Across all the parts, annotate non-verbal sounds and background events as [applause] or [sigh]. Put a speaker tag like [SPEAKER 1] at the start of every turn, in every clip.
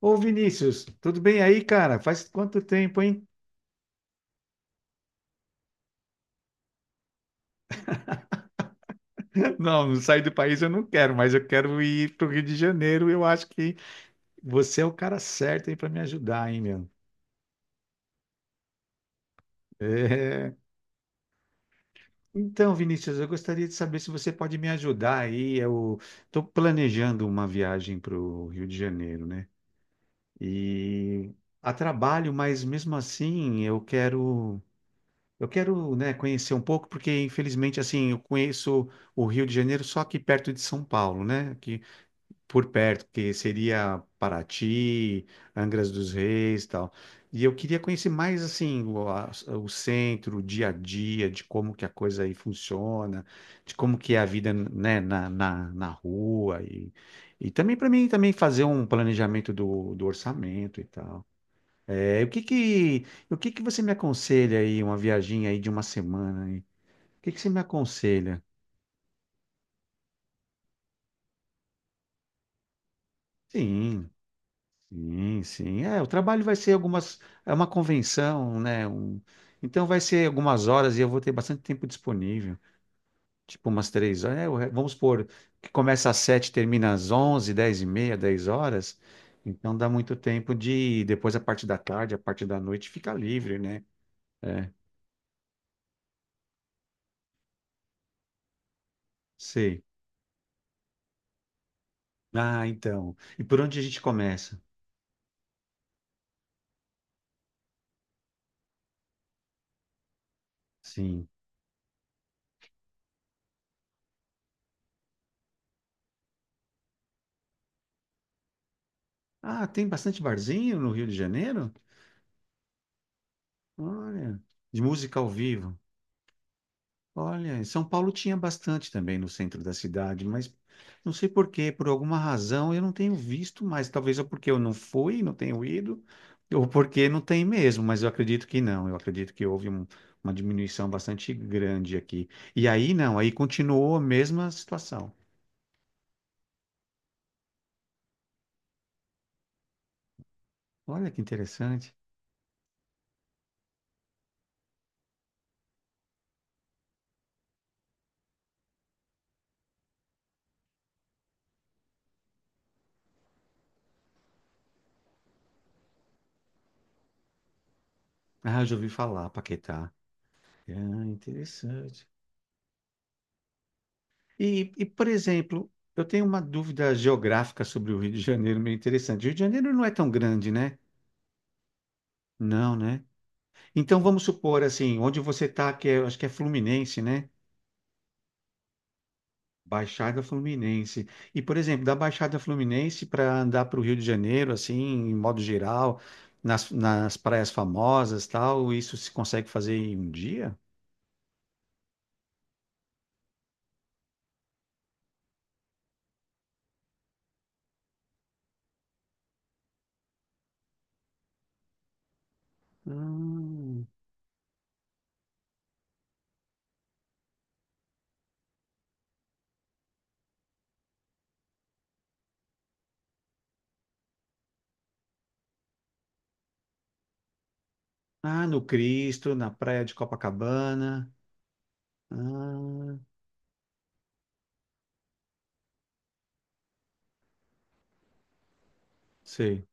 [SPEAKER 1] Ô Vinícius, tudo bem aí, cara? Faz quanto tempo, hein? [laughs] Não, não sair do país eu não quero, mas eu quero ir pro Rio de Janeiro. Eu acho que você é o cara certo aí para me ajudar, hein, meu? É. Então, Vinícius, eu gostaria de saber se você pode me ajudar aí. Eu estou planejando uma viagem para o Rio de Janeiro, né? E a trabalho, mas mesmo assim eu quero, né, conhecer um pouco, porque infelizmente assim eu conheço o Rio de Janeiro só aqui perto de São Paulo, né? Por perto, que seria Paraty, Angra dos Reis, e tal. E eu queria conhecer mais assim o centro, o dia a dia, de como que a coisa aí funciona, de como que é a vida, né, na rua e também para mim também fazer um planejamento do orçamento e tal. É, o que que você me aconselha aí uma viagem aí de uma semana aí? O que que você me aconselha? Sim. Sim, sim. É, o trabalho vai ser algumas, é uma convenção, né? Então vai ser algumas horas e eu vou ter bastante tempo disponível, tipo umas 3 horas. É, vamos supor que começa às 7h, termina às 11h, 10h30, 10 horas. Então dá muito tempo de depois a parte da tarde, a parte da noite fica livre, né? É, sei. Ah, então. E por onde a gente começa? Sim. Ah, tem bastante barzinho no Rio de Janeiro? Olha, de música ao vivo. Olha, em São Paulo tinha bastante também no centro da cidade, mas não sei por quê, por alguma razão eu não tenho visto mais. Talvez ou porque eu não fui, não tenho ido, ou porque não tem mesmo, mas eu acredito que não. Eu acredito que houve uma diminuição bastante grande aqui. E aí não, aí continuou a mesma situação. Olha que interessante. Ah, já ouvi falar, Paquetá. Ah, interessante. E, por exemplo, eu tenho uma dúvida geográfica sobre o Rio de Janeiro meio interessante. O Rio de Janeiro não é tão grande, né? Não, né? Então vamos supor assim, onde você está, que é, acho que é Fluminense, né? Baixada Fluminense. E, por exemplo, da Baixada Fluminense para andar para o Rio de Janeiro, assim, em modo geral, nas praias famosas, tal, isso se consegue fazer em um dia? Hum. Ah, no Cristo, na praia de Copacabana. Ah, sei,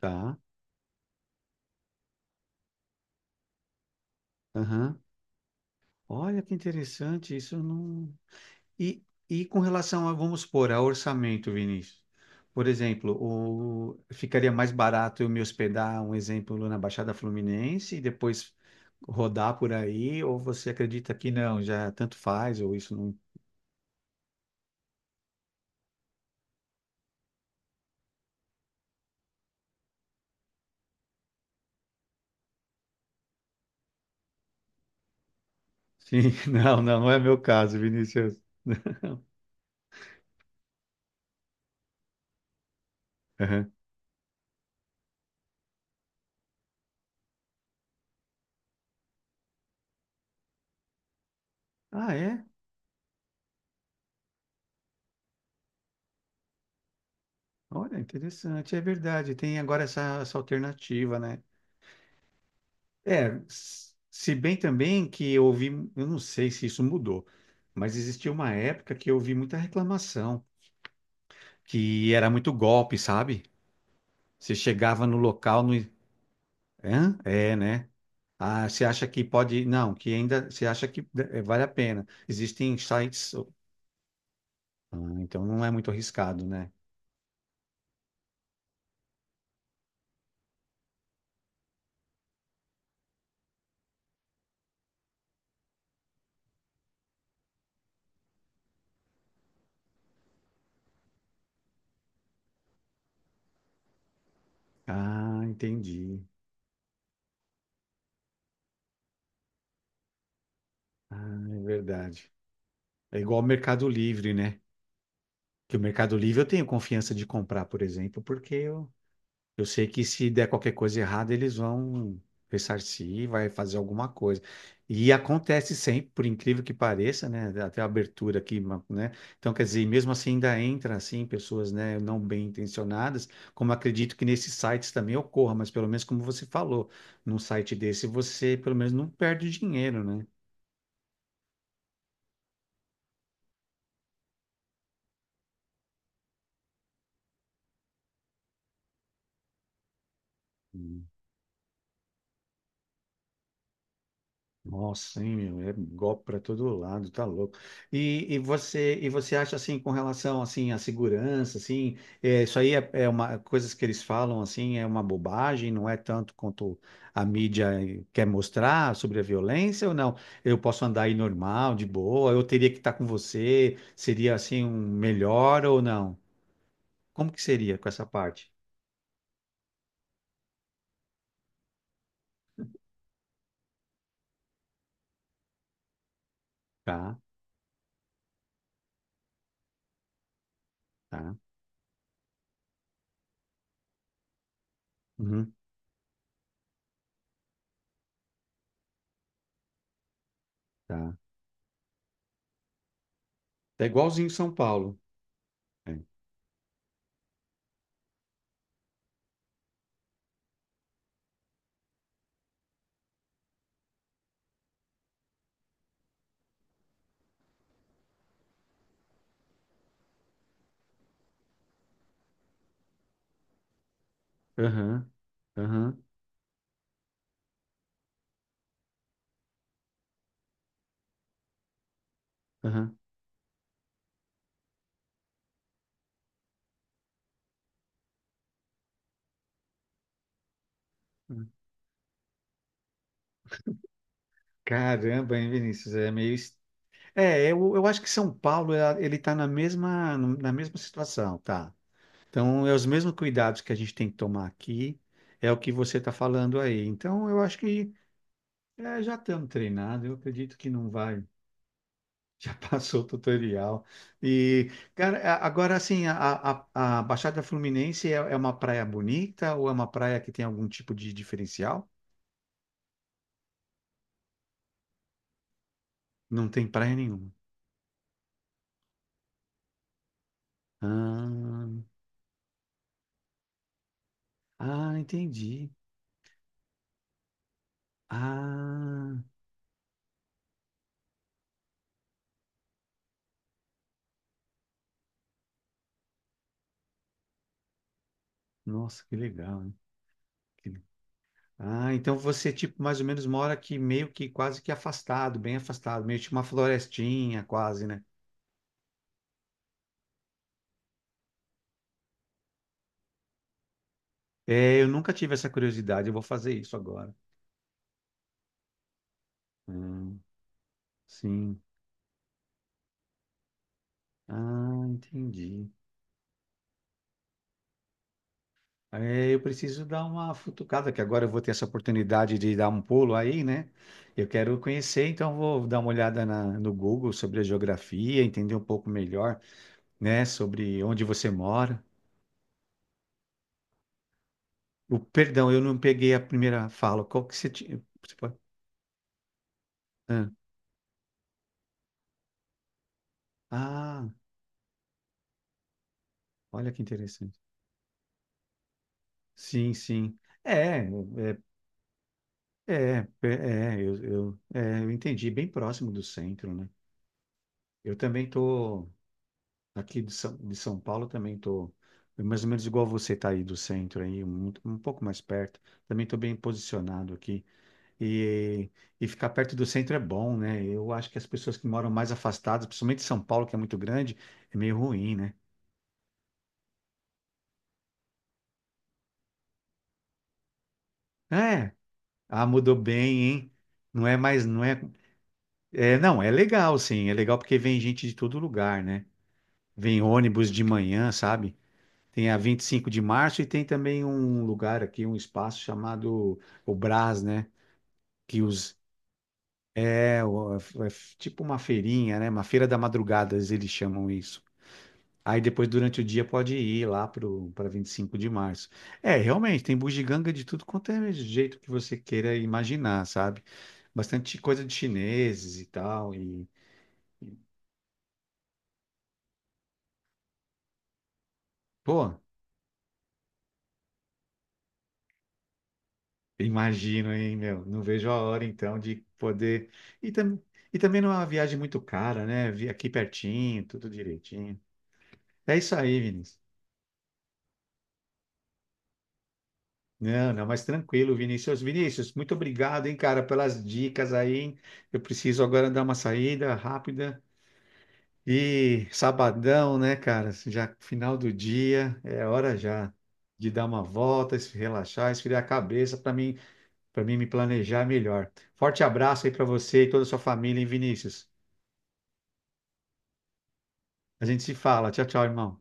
[SPEAKER 1] tá. Aham. Olha que interessante, isso eu não. E, com relação a, vamos supor, a orçamento, Vinícius. Por exemplo, ficaria mais barato eu me hospedar, um exemplo, na Baixada Fluminense e depois rodar por aí, ou você acredita que não, já tanto faz, ou isso não. Sim, [laughs] não, não não é meu caso, Vinícius. [laughs] Aham. Ah, é? Olha, interessante, é verdade. Tem agora essa alternativa, né? É, se bem também que eu ouvi, eu não sei se isso mudou, mas existia uma época que eu ouvi muita reclamação, que era muito golpe, sabe? Você chegava no local, no. Hã? É, né? Ah, você acha que pode. Não, que ainda. Você acha que vale a pena. Existem sites. Ah, então não é muito arriscado, né? Ah, entendi. Ah, é verdade. É igual ao Mercado Livre, né? Que o Mercado Livre eu tenho confiança de comprar, por exemplo, porque eu sei que se der qualquer coisa errada, eles vão ressarcir, vai fazer alguma coisa. E acontece sempre, por incrível que pareça, né? Até a abertura aqui, né? Então, quer dizer, mesmo assim ainda entra assim pessoas, né, não bem intencionadas, como acredito que nesses sites também ocorra, mas pelo menos como você falou, num site desse você pelo menos não perde dinheiro, né? Nossa, hein, meu, é golpe para todo lado, tá louco. E você acha assim com relação assim à segurança, assim, é, isso aí é uma coisas que eles falam assim, é uma bobagem, não é tanto quanto a mídia quer mostrar sobre a violência ou não? Eu posso andar aí normal, de boa, eu teria que estar com você, seria assim um melhor ou não? Como que seria com essa parte? Tá, tá. Uhum, tá. É igualzinho São Paulo. É. Aham. Aham. Aham. Caramba, hein, Vinícius? É meio. É, eu acho que São Paulo, ele está na mesma situação, tá? Então, é os mesmos cuidados que a gente tem que tomar aqui, é o que você está falando aí. Então, eu acho que é, já estamos treinados, eu acredito que não vai. Já [laughs] passou o tutorial. E, cara, agora, assim, a Baixada Fluminense é uma praia bonita ou é uma praia que tem algum tipo de diferencial? Não tem praia nenhuma. Ah, ah, entendi. Ah, nossa, que legal, hein? Que- le- Ah, então você, tipo, mais ou menos mora aqui meio que quase que afastado, bem afastado, meio tipo uma florestinha quase, né? É, eu nunca tive essa curiosidade, eu vou fazer isso agora. Hum, sim. Ah, entendi. É, eu preciso dar uma futucada, que agora eu vou ter essa oportunidade de dar um pulo aí, né? Eu quero conhecer, então vou dar uma olhada no Google sobre a geografia, entender um pouco melhor, né, sobre onde você mora. O perdão, eu não peguei a primeira fala. Qual que você tinha? Você pode- Ah, Ah, olha que interessante. Sim, sim. É, é, é, é, é, eu entendi, bem próximo do centro, né? Eu também tô aqui de São Paulo, também tô é mais ou menos igual você tá aí do centro aí, pouco mais perto. Também tô bem posicionado aqui. E, e, ficar perto do centro é bom, né? Eu acho que as pessoas que moram mais afastadas, principalmente São Paulo, que é muito grande, é meio ruim, né? É, ah, mudou bem, hein? Não é mais, não é, não, é legal, sim, é legal porque vem gente de todo lugar, né? Vem ônibus de manhã, sabe? Tem a 25 de Março e tem também um lugar aqui, um espaço chamado o Brás, né? Que os, é, o- É tipo uma feirinha, né? Uma feira da madrugada, eles chamam isso. Aí depois, durante o dia, pode ir lá para 25 de Março. É, realmente, tem bugiganga de tudo quanto é jeito que você queira imaginar, sabe? Bastante coisa de chineses e tal. E, pô, imagino, hein, meu? Não vejo a hora, então, de poder. E, tam... e também não é uma viagem muito cara, né? Vi aqui pertinho, tudo direitinho. É isso aí, Vinícius. Não, não, mas tranquilo, Vinícius. Vinícius, muito obrigado, hein, cara, pelas dicas aí. Hein? Eu preciso agora dar uma saída rápida. E sabadão, né, cara? Já final do dia, é hora já de dar uma volta, se relaxar, esfriar a cabeça para mim me planejar é melhor. Forte abraço aí para você e toda a sua família, hein, Vinícius? A gente se fala. Tchau, tchau, irmão.